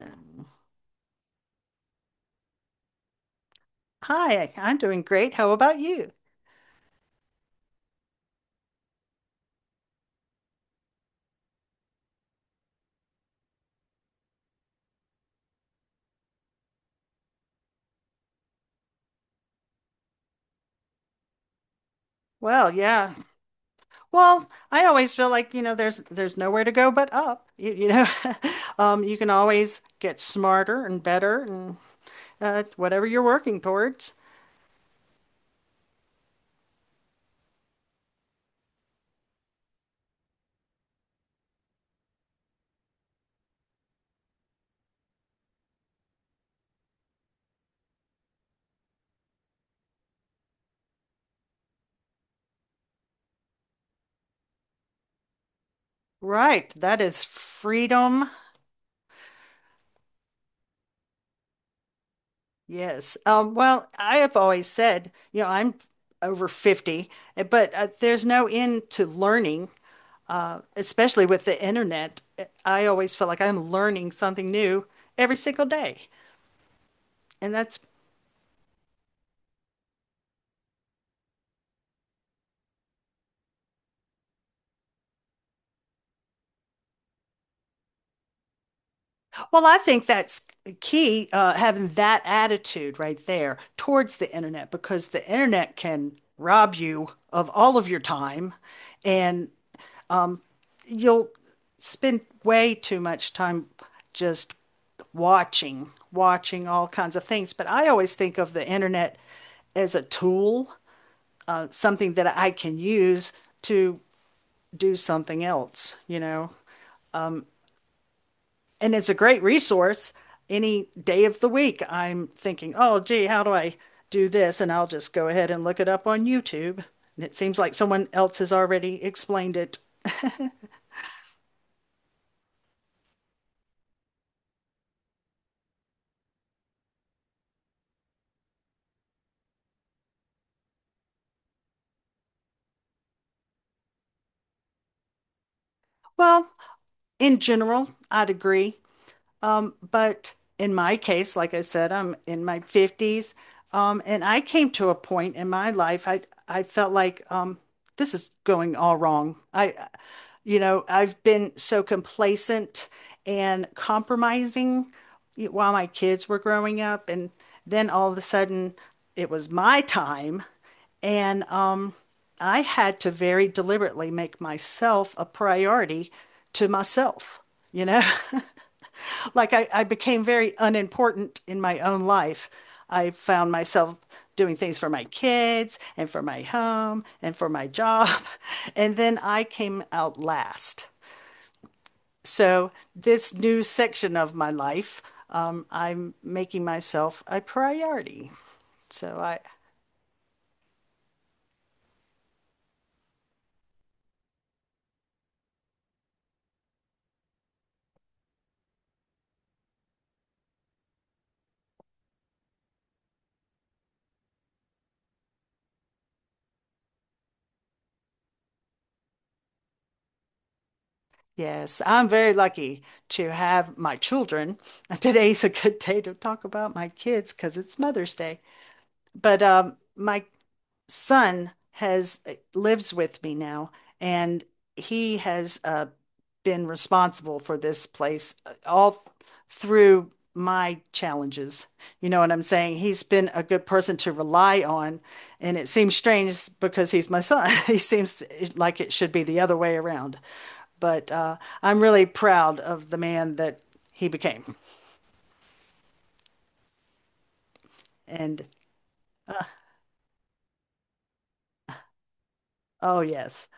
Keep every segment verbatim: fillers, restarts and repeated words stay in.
Um, Hi, I'm doing great. How about you? Well, yeah. Well, I always feel like, you know, there's there's nowhere to go but up. You, you know, um, you can always get smarter and better and uh, whatever you're working towards. Right. That is freedom. Yes. Um, well, I have always said, you know, I'm over fifty, eh, but uh, there's no end to learning, uh, especially with the internet. I always feel like I'm learning something new every single day. And that's, well, I think that's key, uh, having that attitude right there towards the internet, because the internet can rob you of all of your time and you'll spend way too much time just watching, watching all kinds of things. But I always think of the internet as a tool, uh, something that I can use to do something else, you know? And it's a great resource any day of the week. I'm thinking, oh, gee, how do I do this? And I'll just go ahead and look it up on YouTube. And it seems like someone else has already explained it. Well, in general, I'd agree. Um, but in my case, like I said, I'm in my fifties. Um, and I came to a point in my life I I felt like um, this is going all wrong. I, you know, I've been so complacent and compromising while my kids were growing up, and then all of a sudden it was my time, and um, I had to very deliberately make myself a priority to myself, you know? like I, I became very unimportant in my own life. I found myself doing things for my kids and for my home and for my job. And then I came out last. So, this new section of my life, um, I'm making myself a priority. So, I, yes, I'm very lucky to have my children. Today's a good day to talk about my kids because it's Mother's Day. but um, my son has uh, lives with me now, and he has uh, been responsible for this place uh, all th- through my challenges. You know what I'm saying? He's been a good person to rely on, and it seems strange because he's my son. He seems like it should be the other way around. But uh, I'm really proud of the man that he became. And oh yes,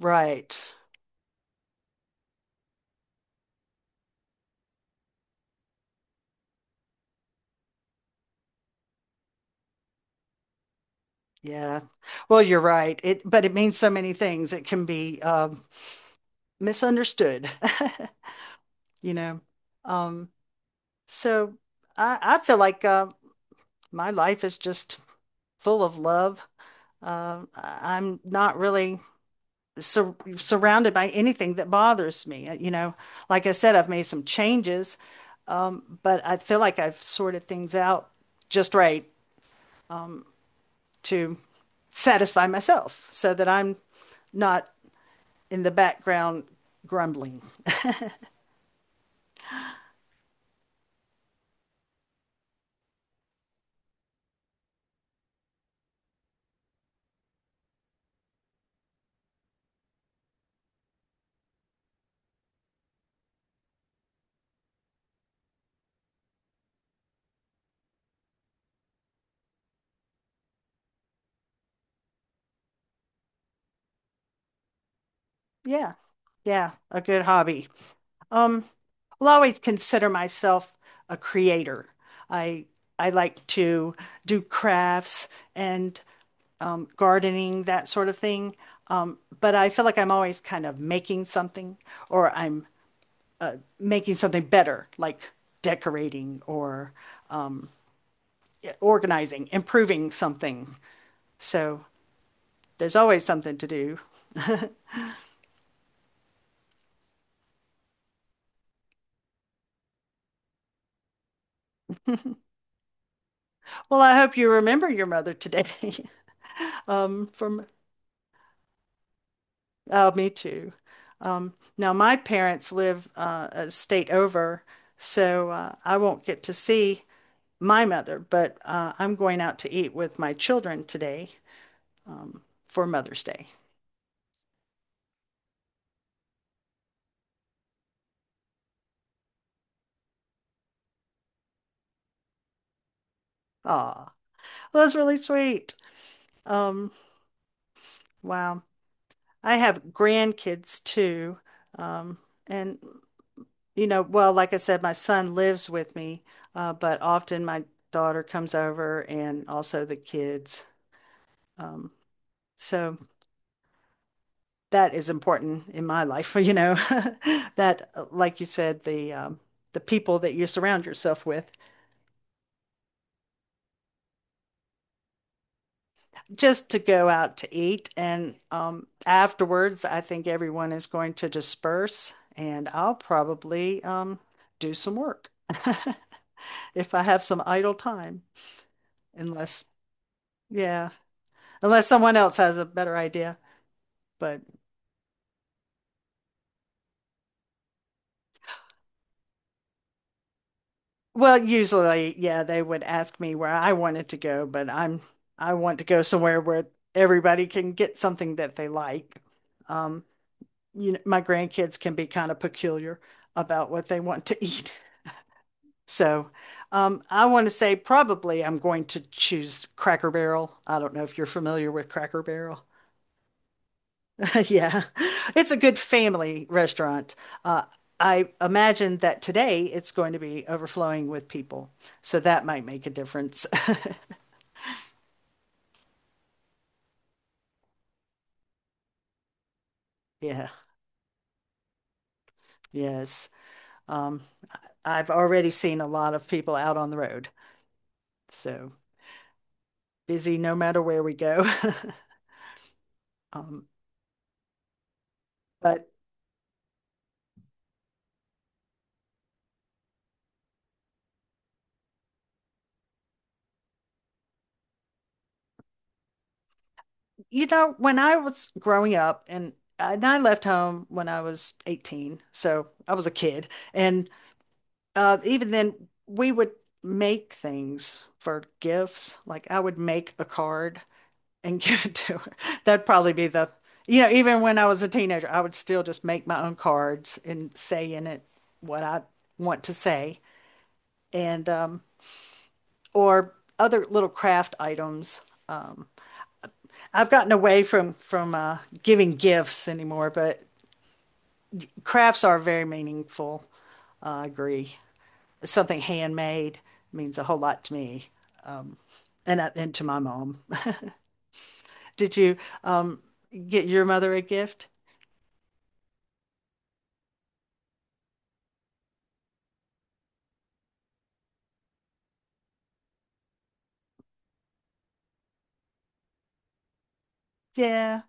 right. Yeah. Well, you're right. It, but it means so many things. It can be um, misunderstood, you know. Um, so I, I feel like uh, my life is just full of love. Uh, I- I'm not really sur surrounded by anything that bothers me. Uh, You know, like I said, I've made some changes, but I feel like I've sorted things out just right to satisfy myself so that I'm not in the background grumbling. Yeah. Yeah, a good hobby. Um, I'll always consider myself a creator. I I like to do crafts and um, gardening, that sort of thing. Um, but I feel like I'm always kind of making something, or I'm uh, making something better, like decorating or organizing, improving something. So there's always something to do. Well, I hope you remember your mother today um, from Oh, me too. Um, now my parents live uh, a state over, so uh, I won't get to see my mother, but uh, I'm going out to eat with my children today um, for Mother's Day. Aw, well, that's really sweet. Um, wow. I have grandkids too, um, and You know, well, like I said, my son lives with me, uh, but often my daughter comes over and also the kids. Um, so that is important in my life, you know, that, uh, like you said, the um, the people that you surround yourself with, just to go out to eat. And um, afterwards, I think everyone is going to disperse, and I'll probably um, do some work if I have some idle time, unless, yeah. Unless someone else has a better idea. But well, usually, yeah, they would ask me where I wanted to go, but I'm I want to go somewhere where everybody can get something that they like. Um, you know, my grandkids can be kind of peculiar about what they want to eat. So, um, I want to say probably I'm going to choose Cracker Barrel. I don't know if you're familiar with Cracker Barrel. Yeah, it's a good family restaurant. Uh, I imagine that today it's going to be overflowing with people, so that might make a difference. Yeah, yes. Um, I've already seen a lot of people out on the road, so busy no matter where we go. Um, but You know, when I was growing up, and and I left home when I was eighteen, so I was a kid, and uh, even then, we would make things for gifts. Like I would make a card and give it to her. That'd probably be the, You know, even when I was a teenager, I would still just make my own cards and say in it what I want to say and um, or other little craft items. I've gotten away from from uh, giving gifts anymore, but crafts are very meaningful. Uh, I agree. Something handmade means a whole lot to me and, uh, and to my mom. Did you um get your mother a gift? Yeah.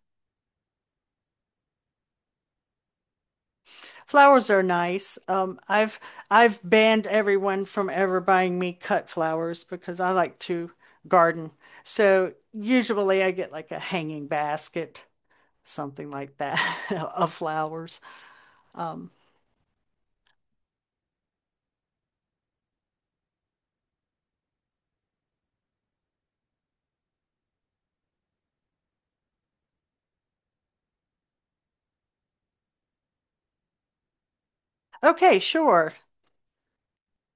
Flowers are nice. Um I've I've banned everyone from ever buying me cut flowers because I like to garden. So usually I get like a hanging basket, something like that of flowers. Um, okay, sure.